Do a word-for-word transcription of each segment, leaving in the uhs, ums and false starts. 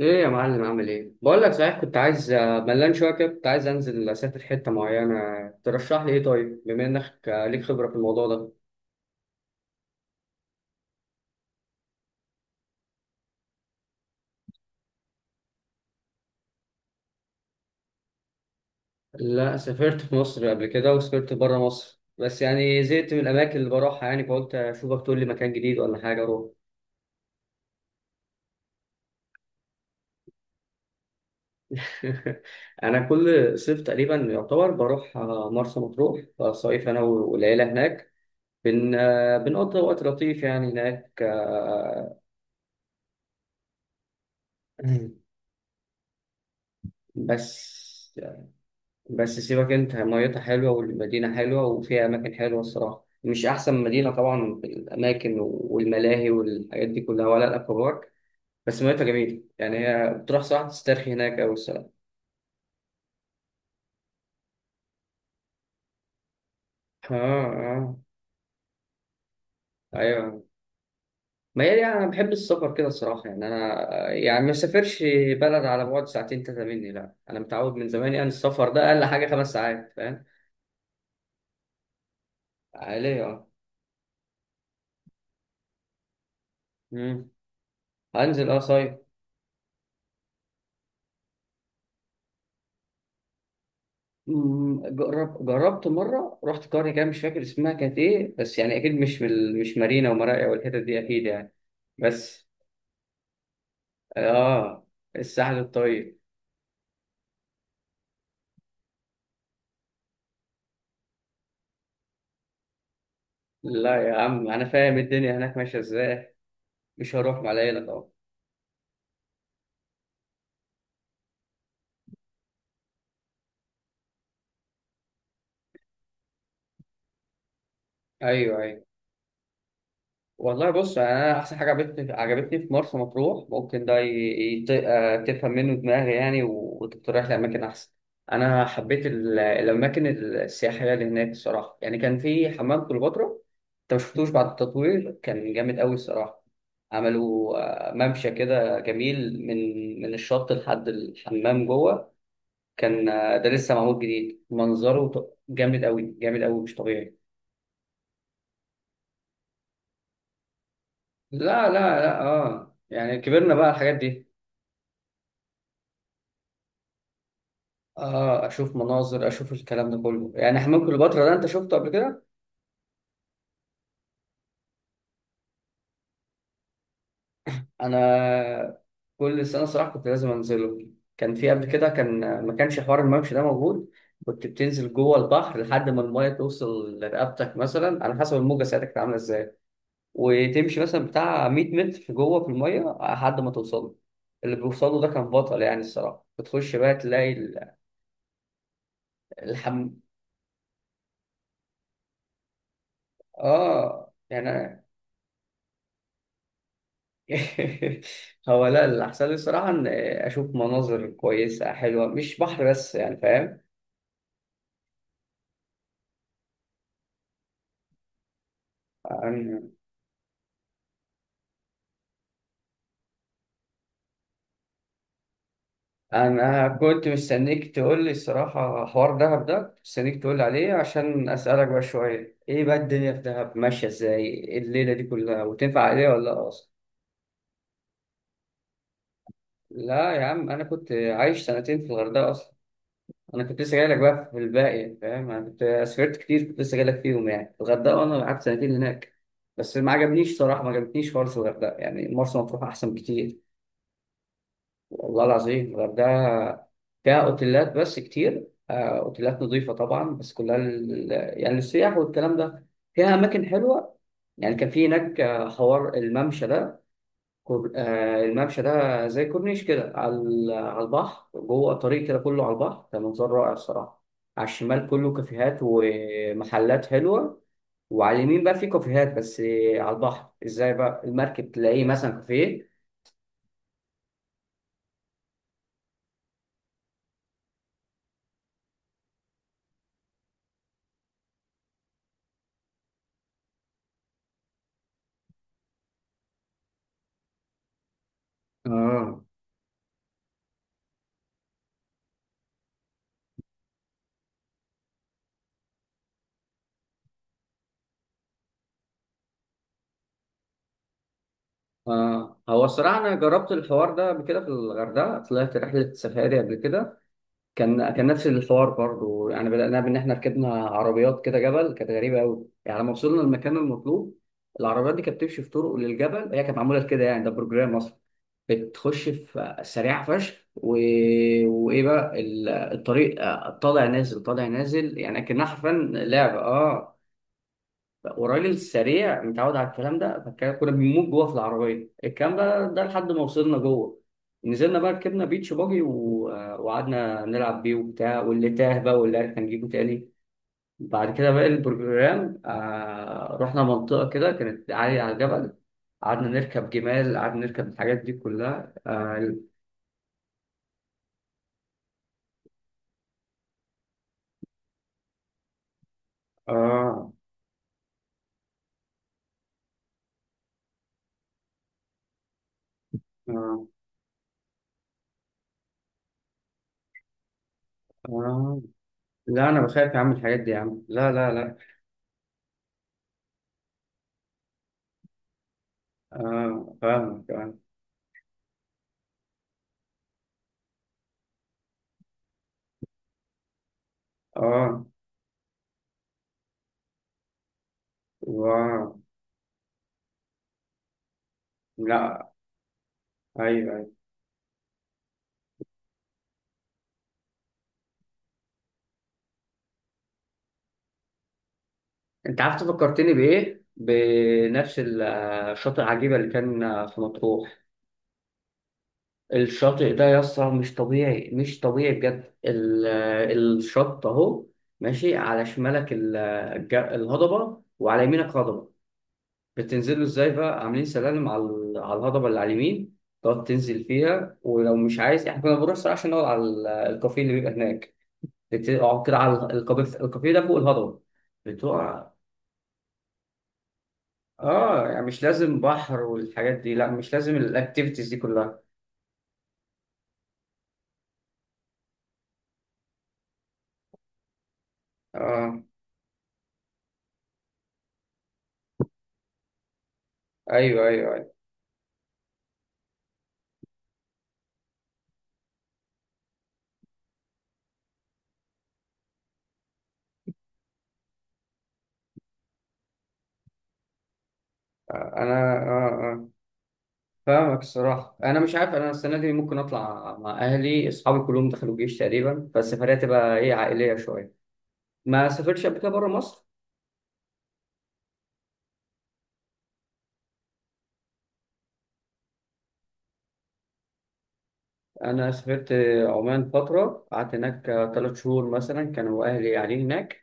ايه يا معلم عامل ايه؟ بقول لك صحيح كنت عايز آه، ملان شويه كده، كنت عايز انزل اسافر حته معينه. ترشح لي ايه؟ طيب، بما انك آه، ليك خبره في الموضوع ده. لا، سافرت في مصر قبل كده وسافرت بره مصر، بس يعني زهقت من الاماكن اللي بروحها، يعني فقلت اشوفك تقول لي مكان جديد ولا حاجه اروح. انا كل صيف تقريبا يعتبر بروح آه، مرسى مطروح، آه، صيف انا والعيله هناك. بن آه، بنقضي وقت لطيف يعني هناك آه، بس بس سيبك انت، ميتها حلوة والمدينة حلوة وفيها أماكن حلوة الصراحة. مش أحسن مدينة طبعا في الأماكن والملاهي والحاجات دي كلها ولا الأكوابارك، بس ميتها جميلة. يعني هي بتروح صراحة تسترخي هناك أوي الصراحة. آه آه. أيوه. ما هي يعني أنا بحب السفر كده الصراحة، يعني أنا يعني ما سافرش بلد على بعد ساعتين تلاتة مني، لأ، أنا متعود من زمان يعني السفر ده أقل حاجة خمس ساعات، فاهم؟ عالية أه. مم. هنزل أه صيف. مم، جرب جربت مرة، رحت قرية كده مش فاكر اسمها كانت إيه، بس يعني أكيد مش في ال- مش مارينا ومراقيا والحتت دي أكيد يعني. بس آه، الساحل الطيب. لا يا عم أنا فاهم الدنيا هناك ماشية إزاي. مش هروح مع العيلة طبعا. أيوه أيوه. والله بص، يعني انا احسن حاجه عجبتني عجبتني في مرسى مطروح، ممكن ده ي- يت- آه، تفهم منه دماغي، يعني و- وتقترح لي اماكن احسن. انا حبيت ال- الاماكن السياحيه اللي هناك الصراحه، يعني كان في حمام كليوباترا. انت ما شفتوش بعد التطوير، كان جامد قوي الصراحه. عملوا آه، ممشى كده جميل من من الشط لحد الحمام جوه. كان آه، ده لسه معمول جديد، منظره ط- جامد قوي، جامد قوي مش طبيعي. لا لا لا اه يعني كبرنا بقى على الحاجات دي. اه، اشوف مناظر، اشوف الكلام ده كله يعني. حمام كليوباترا ده انت شفته قبل كده؟ انا كل سنه صراحه كنت لازم انزله. كان في قبل كده كان ما كانش حوار الممشى ده موجود. كنت بتنزل جوه البحر لحد ما المايه توصل لرقبتك، مثلا على حسب الموجه ساعتها كانت عامله ازاي، وتمشي مثلا بتاع مية متر جوه في المايه لحد ما توصل. اللي بيوصله ده كان بطل يعني الصراحه، بتخش بقى تلاقي ال- الحم اه يعني. هو لا، اللي أحسن لي الصراحة إن أشوف مناظر كويسة حلوة، مش بحر بس يعني، فاهم؟ أنا أنا كنت مستنيك تقول لي الصراحة، حوار دهب ده كنت مستنيك تقول لي عليه عشان أسألك بقى شوية إيه بقى الدنيا في دهب ماشية إزاي، إيه الليلة دي كلها وتنفع عليها ولا لأ أصلا؟ لا يا عم، أنا كنت عايش سنتين في الغردقة أصلا. انا كنت لسه جاي لك بقى في الباقي فاهم، انا كنت سافرت كتير، كنت لسه جاي لك فيهم يعني الغردقه، وانا قعدت سنتين هناك. بس ما عجبنيش صراحه، ما عجبتنيش خالص الغردقه، يعني مرسى مطروح احسن بكتير. والله العظيم. الغردقه فيها اوتيلات بس كتير آه، اوتيلات نظيفه طبعا، بس كلها لل... يعني للسياح والكلام ده. فيها اماكن حلوه، يعني كان في هناك آه، حوار الممشى ده. كور... آه الممشى ده زي كورنيش كده على ال- على البحر، جوه طريق كده كله على البحر، كان منظر رائع الصراحة. على الشمال كله كافيهات ومحلات حلوة، وعلى اليمين بقى في كافيهات بس آه، على البحر، ازاي بقى المركب تلاقيه مثلا كافيه. اه آه. هو الصراحة أنا جربت الحوار ده قبل كده في الغردقة، طلعت رحلة سفاري قبل كده. كان كان نفس الحوار برضو، يعني بدأنا بإن إحنا ركبنا عربيات كده جبل، كانت غريبة أوي يعني. لما وصلنا المكان المطلوب، العربيات دي كانت بتمشي في طرق للجبل، هي كانت معمولة كده يعني، ده بروجرام أصلا. بتخش في سريعة فشخ و... وإيه بقى ال- الطريق آه، طالع نازل طالع نازل، يعني كأنها حرفيا لعبة أه. وراجل سريع متعود على الكلام ده، فكان- كنا بنموت جوه في العربيه الكلام بقى ده لحد ما وصلنا جوه. نزلنا بقى ركبنا بيتش باجي و- وقعدنا نلعب بيه وبتاع، واللي تاه بقى واللي عرف هنجيبه تاني. بعد كده بقى البروجرام آه رحنا منطقه كده كانت عاليه على الجبل، قعدنا نركب جمال، قعدنا نركب الحاجات دي كلها آه, آه, آه, آه. لا أنا بخاف يا عم الحاجات دي يا عم، لا لا لا. آه فاهمك آه. آه واو. لا ايوه ايوه. انت عارف تفكرتني بايه؟ بنفس ال- آه، الشاطئ عجيبه اللي كان آه، في مطروح. الشاطئ ده يا اسطى مش طبيعي، مش طبيعي بجد. ال- آه، الشط اهو ماشي على شمالك ال- آه، الج- الهضبه، وعلى يمينك هضبه. بتنزلوا ازاي بقى؟ عاملين سلالم على ال- على الهضبه اللي على اليمين، تقعد تنزل فيها، ولو مش عايز احنا كنا بنروح الصراحه عشان نقعد على ال- آه، الكافيه اللي بيبقى هناك. بتقعد كده على الكافيه، الكافيه ده فوق الهضبه. بتقع اه يعني. مش لازم بحر والحاجات دي، لا مش لازم الاكتيفيتيز دي كلها. اه. ايوه ايوه ايوه. آه، انا اه اه فاهمك الصراحه. انا مش عارف، انا السنه دي ممكن اطلع مع اهلي، اصحابي كلهم دخلوا الجيش تقريبا، فالسفريه تبقى ايه عائليه شويه. ما سافرتش قبل كده بره مصر. انا سافرت عمان فتره، قعدت هناك ثلاث شهور مثلا، كانوا اهلي قاعدين هناك.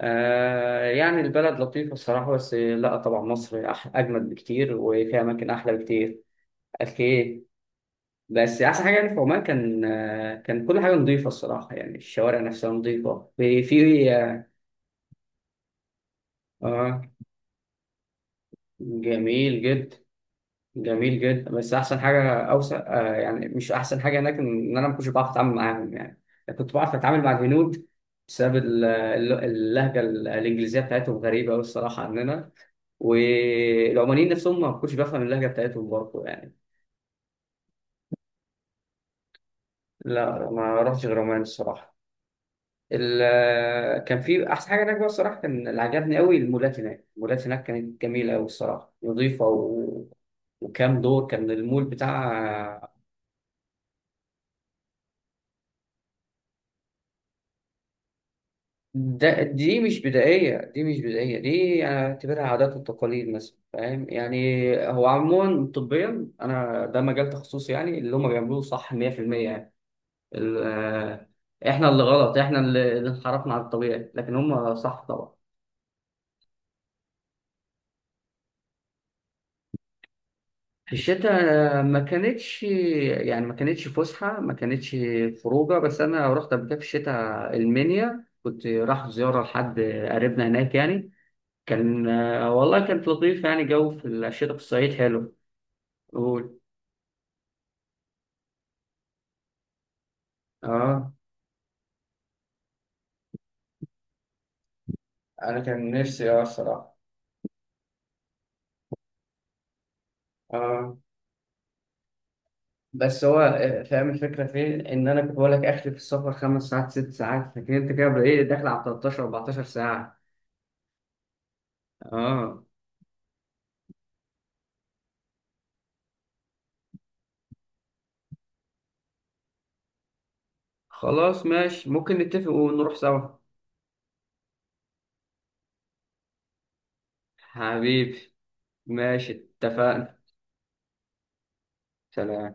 آه يعني البلد لطيفه الصراحه، بس لا طبعا مصر أح- اجمل بكتير وفيها اماكن احلى بكتير. أكيد. بس احسن حاجه يعني في عمان كان آه، كان كل حاجه نظيفه الصراحه، يعني الشوارع نفسها نظيفه في في اه. جميل جدا، جميل جدا. بس احسن حاجه اوسع آه، يعني مش احسن حاجه هناك ان انا ما كنتش بعرف اتعامل معاهم يعني. أنا كنت بعرف اتعامل مع الهنود بسبب ال- ال- اللهجه ال- الانجليزيه بتاعتهم غريبه قوي الصراحه عننا، والعمانيين نفسهم ما كنتش بفهم اللهجه بتاعتهم برضه يعني. لا ما رحتش غير عمان الصراحه. ال- آه، كان في احسن حاجه هناك بقى الصراحه، كان اللي عجبني قوي المولات هناك، المولات هناك كانت جميله قوي الصراحه، نظيفه و... وكام دور كان المول بتاع. ده دي مش بدائيه، دي مش بدائيه، دي انا اعتبرها عادات وتقاليد مثلا، فاهم يعني. هو عموما طبيا انا ده مجال تخصصي، يعني اللي هم بيعملوه صح مية في المية. يعني ال- آه، احنا اللي غلط، احنا اللي اللي انحرفنا عن الطبيعي، لكن هم صح طبعا. في الشتاء ما كانتش يعني ما كانتش فسحة، ما كانتش خروجة، بس أنا رحت قبل كده في الشتاء المنيا، كنت رايح زيارة لحد قريبنا هناك يعني. كان آه، والله كانت لطيفة، يعني جو في الشتاء في الصعيد حلو. قول. اه انا كان نفسي اه الصراحه. اه. بس هو آه، فاهم الفكره فين، ان انا كنت بقول لك اخري في السفر خمس ساعات ست ساعات، لكن انت كده بقى ايه داخل على تلتاشر اربعتاشر ساعه. آه. خلاص ماشي، ممكن نتفق ونروح سوا. حبيبي. ماشي. اتفقنا. سلام.